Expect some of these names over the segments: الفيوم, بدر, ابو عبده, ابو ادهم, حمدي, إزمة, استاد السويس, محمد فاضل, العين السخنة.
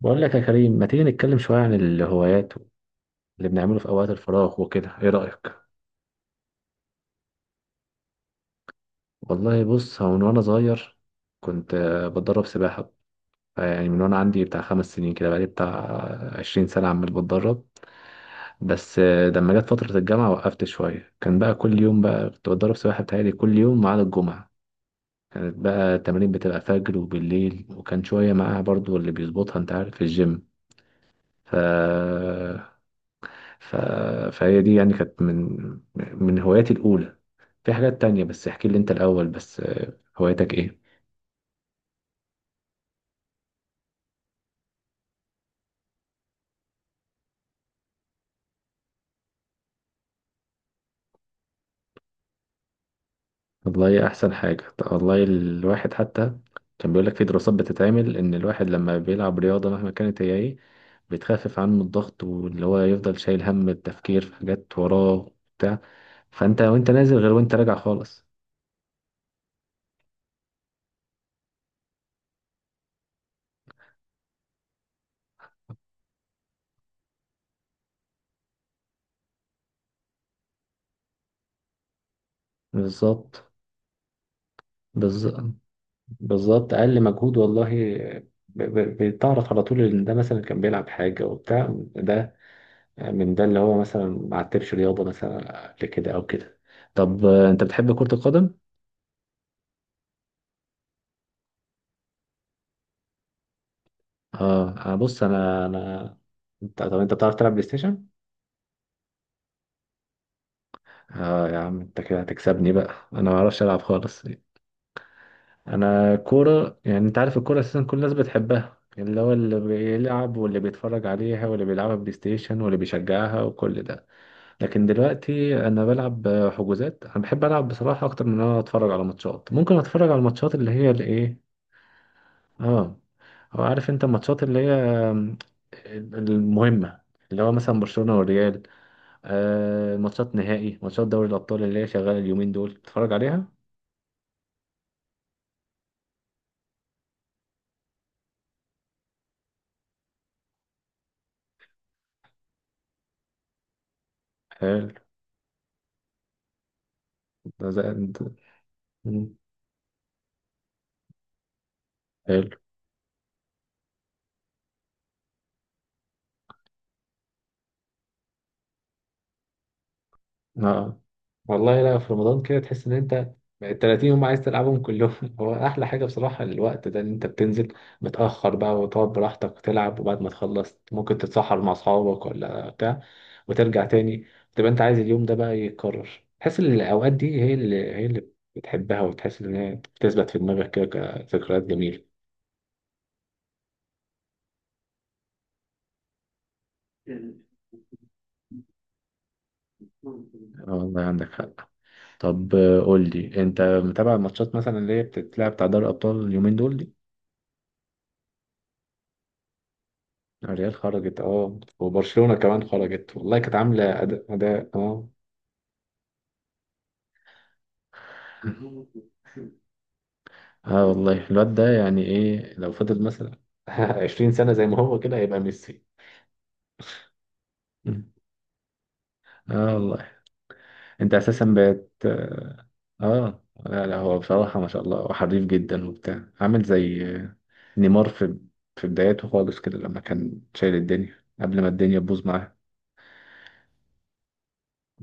بقول لك يا كريم ما تيجي نتكلم شوية عن الهوايات اللي بنعمله في أوقات الفراغ وكده إيه رأيك؟ والله بص هو من وأنا صغير كنت بتدرب سباحة. يعني من وأنا عندي بتاع خمس سنين كده بقالي بتاع عشرين سنة عمال بتدرب. بس لما جت فترة الجامعة وقفت شوية، كان بقى كل يوم، بقى كنت بتدرب سباحة بتهيألي كل يوم ما عدا الجمعة. كانت بقى التمارين بتبقى فجر وبالليل، وكان شوية معاها برضو اللي بيظبطها أنت عارف في الجيم. ف... ف... فهي دي يعني كانت من هواياتي الأولى. في حاجات تانية، بس احكي لي انت الأول. بس هوايتك ايه؟ والله أحسن حاجة. طب والله الواحد حتى كان بيقولك في دراسات بتتعمل إن الواحد لما بيلعب رياضة مهما كانت هي ايه، بتخفف عنه الضغط، واللي هو يفضل شايل هم التفكير في حاجات وراه بتاع فانت وانت نازل غير وانت راجع خالص. بالظبط. بالظبط. بالظبط، أقل مجهود والله. بتعرف على طول إن ده مثلا كان بيلعب حاجة وبتاع، ده من ده اللي هو مثلا ما عتبش رياضة مثلا قبل كده أو كده. طب أنت بتحب كرة القدم؟ أه، أنا بص، أنا. أنت طب أنت بتعرف تلعب بلاي ستيشن؟ أه يا عم، أنت كده هتكسبني بقى، أنا ما بعرفش ألعب خالص. أنا كورة، يعني أنت عارف الكورة أساسا كل الناس بتحبها، اللي هو اللي بيلعب واللي بيتفرج عليها واللي بيلعبها بلاي ستيشن واللي بيشجعها وكل ده. لكن دلوقتي انا بلعب حجوزات، انا بحب العب بصراحه اكتر من ان انا اتفرج على ماتشات. ممكن اتفرج على الماتشات اللي هي الايه. اه، هو عارف انت الماتشات اللي هي المهمة، اللي هو مثلا برشلونة والريال. آه، ماتشات نهائي، ماتشات دوري الأبطال اللي هي شغالة اليومين دول بتتفرج عليها. حلو. ده زي- ده- مم. حلو. اه والله، لا في رمضان كده تحس ان انت ال 30 يوم عايز تلعبهم كلهم. هو احلى حاجه بصراحه الوقت ده ان انت بتنزل متاخر بقى، وتقعد براحتك تلعب، وبعد ما تخلص ممكن تتسحر مع اصحابك ولا بتاع، وترجع تاني. تبقى انت عايز اليوم ده بقى يتكرر، تحس ان الاوقات دي هي اللي هي اللي بتحبها، وتحس ان هي بتثبت في دماغك كده كذكريات جميله. آه والله عندك حق. طب قول لي انت متابع الماتشات مثلا اللي هي بتتلعب بتاع دوري الابطال اليومين دول؟ الريال خرجت، اه، وبرشلونة كمان خرجت، والله كانت عاملة أداء اه. اه والله الواد ده يعني ايه، لو فضل مثلا 20 سنة زي ما هو كده هيبقى ميسي. اه والله. انت اساسا بقت اه. آه. لا لا، هو بصراحة ما شاء الله وحريف جدا وبتاع، عامل زي نيمار في بداياته خالص كده لما كان شايل الدنيا قبل ما الدنيا تبوظ معاه.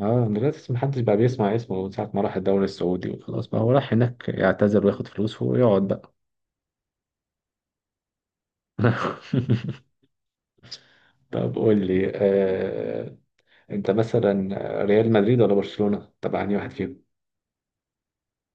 اه دلوقتي محدش بقى بيسمع اسمه من ساعة ما راح الدوري السعودي، وخلاص بقى هو راح هناك يعتذر وياخد فلوسه ويقعد بقى. طب قول لي انت مثلا ريال مدريد ولا برشلونة؟ طبعا أنهي واحد فيهم؟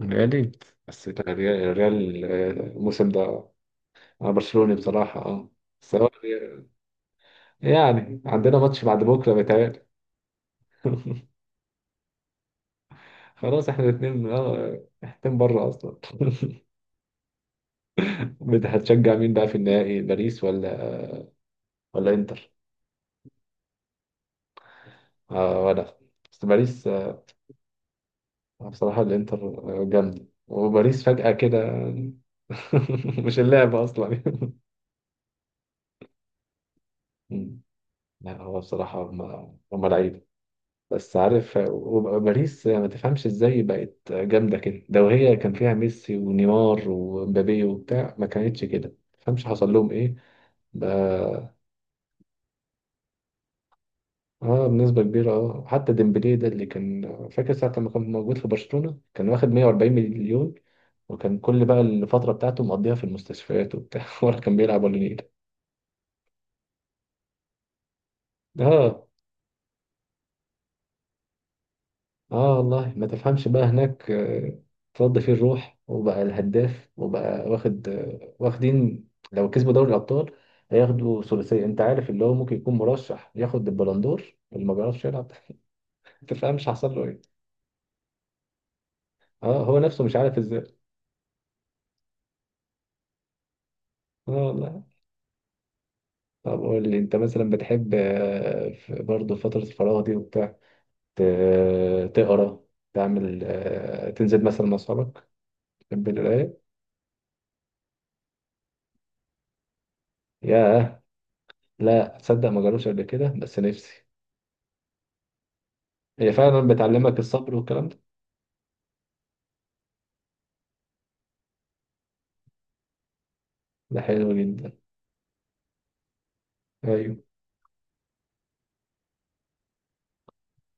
ريال. بس أنت ريال، الموسم ده؟ انا برشلوني بصراحة اه، بس هو ريال. يعني عندنا ماتش بعد بكرة بيتهيألي. خلاص احنا الاثنين اه احنا بره اصلا. هتشجع مين بقى في النهائي، باريس ولا انتر؟ آه ولا، بس باريس آه. بصراحة الإنتر جامدة، وباريس فجأة كده يعني. مش اللعبة أصلا. مم. لا هو بصراحة هم لعيبة. بس عارف وباريس ما تفهمش إزاي بقت جامدة كده. لو هي كان فيها ميسي ونيمار ومبابي وبتاع ما كانتش كده، ما تفهمش حصل لهم إيه بقى. اه بنسبة كبيرة، اه، حتى ديمبلي ده اللي كان فاكر ساعة لما كان موجود في برشلونة كان واخد 140 مليون، وكان كل بقى الفترة بتاعته مقضيها في المستشفيات وبتاع. ولا كان بيلعب ولا نيل. اه اه والله ما تفهمش بقى هناك اترد فيه الروح وبقى الهداف وبقى واخد واخدين لو كسبوا دوري الأبطال هياخدوا ثلاثية. انت عارف اللي هو ممكن يكون مرشح ياخد البلندور اللي ما بيعرفش يلعب. ما تفهمش حصل له ايه. اه هو نفسه مش عارف ازاي. اه والله. طب قول لي انت مثلا بتحب برضه فترة الفراغ دي وبتاع تقرا، تعمل تنزل مثلا مع اصحابك؟ تحب القراية. ياه. لا تصدق ما جربتش قبل كده بس نفسي. هي فعلا بتعلمك الصبر والكلام ده. ده حلو جدا. ايوه.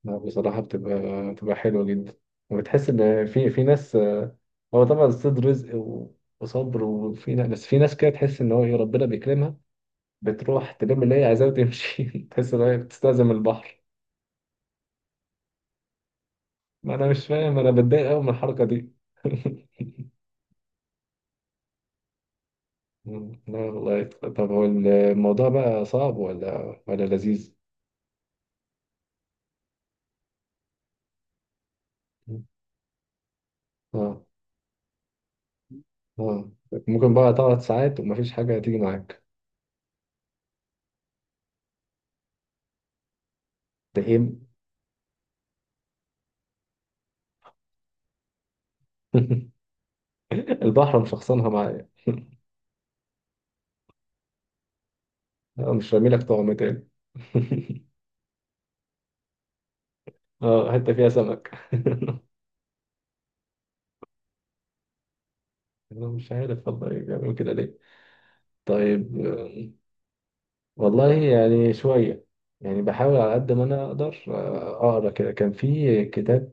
لا بصراحة بتبقى حلوة جدا، وبتحس ان في ناس آه. هو طبعا الصيد رزق وصبر، وفي ناس، بس في ناس كده تحس ان هو ايه ربنا بيكرمها، بتروح تلم اللي هي عايزاه وتمشي. تحس ان هي بتستلزم البحر. ما انا مش فاهم، انا بتضايق قوي من الحركه دي. مم. لا والله. طب هو الموضوع بقى صعب ولا لذيذ؟ مم. اه. اه. ممكن بقى تقعد ساعات ومفيش حاجه هتيجي معاك. ده ايه. البحر مشخصنها معايا. مش رامي لك طعم تاني. اه، حته فيها سمك. انا مش عارف والله بيعملوا كده ليه. طيب والله يعني شويه، يعني بحاول على قد ما انا اقدر اقرا كده. كان في كتاب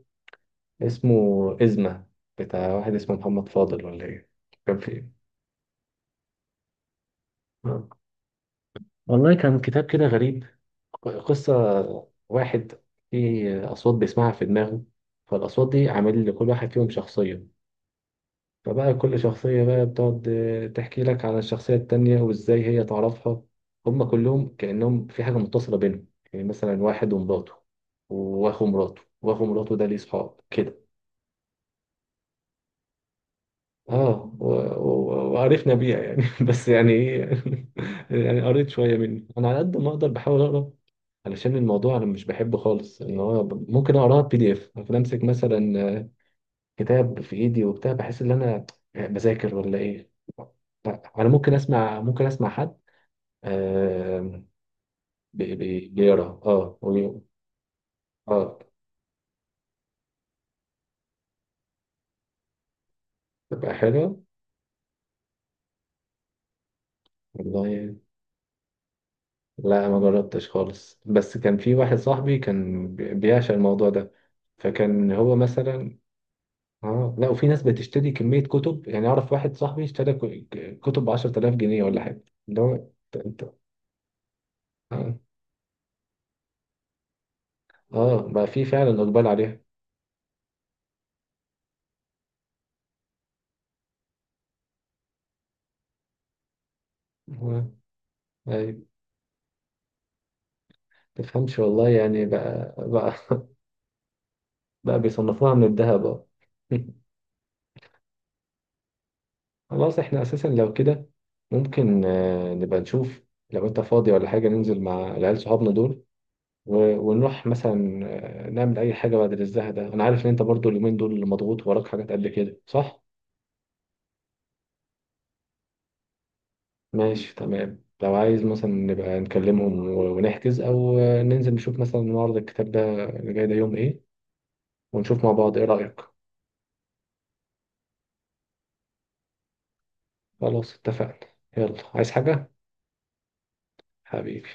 اسمه إزمة، بتاع واحد اسمه محمد فاضل ولا إيه. كان في إيه؟ آه. والله كان كتاب كده غريب. قصة واحد فيه أصوات بيسمعها في دماغه، فالأصوات دي عامل لكل واحد فيهم شخصية. فبقى كل شخصية بقى بتقعد تحكي لك عن الشخصية التانية وإزاي هي تعرفها. هما كلهم كأنهم في حاجة متصلة بينهم. يعني مثلا واحد ومراته وأخو مراته، وأخو مراته ده ليه صحاب كده. اه وعرفنا بيها يعني. بس يعني ايه يعني. يعني قريت شويه منه، انا على قد ما اقدر بحاول اقرا، علشان الموضوع انا مش بحبه خالص ان هو ممكن اقراها بي دي اف، ممكن امسك مثلا كتاب في ايدي وبتاع، بحس ان انا بذاكر ولا ايه. لا، انا ممكن اسمع، ممكن اسمع حد آه بيقرا اه اه. تبقى حلوه والله. لا ما جربتش خالص، بس كان في واحد صاحبي كان بيعشق الموضوع ده، فكان هو مثلا اه. لا وفي ناس بتشتري كمية كتب، يعني اعرف واحد صاحبي اشترى كتب ب 10,000 جنيه ولا حاجة اللي هو انت. انت- اه بقى في فعلا اقبال عليها. آه، ايوه. تفهمش والله يعني بقى. بقى بيصنفوها من الذهب اه. خلاص احنا اساسا لو كده ممكن نبقى نشوف، لو انت فاضي ولا حاجة ننزل مع العيال صحابنا دول ونروح مثلا نعمل اي حاجه بعد الزهق ده. انا عارف ان انت برضو اليومين دول مضغوط وراك حاجات قد كده، صح؟ ماشي تمام. لو عايز مثلا نبقى نكلمهم ونحجز، او ننزل نشوف مثلا معرض الكتاب ده اللي جاي ده يوم ايه، ونشوف مع بعض، ايه رايك؟ خلاص اتفقنا. يلا عايز حاجه؟ حبيبي.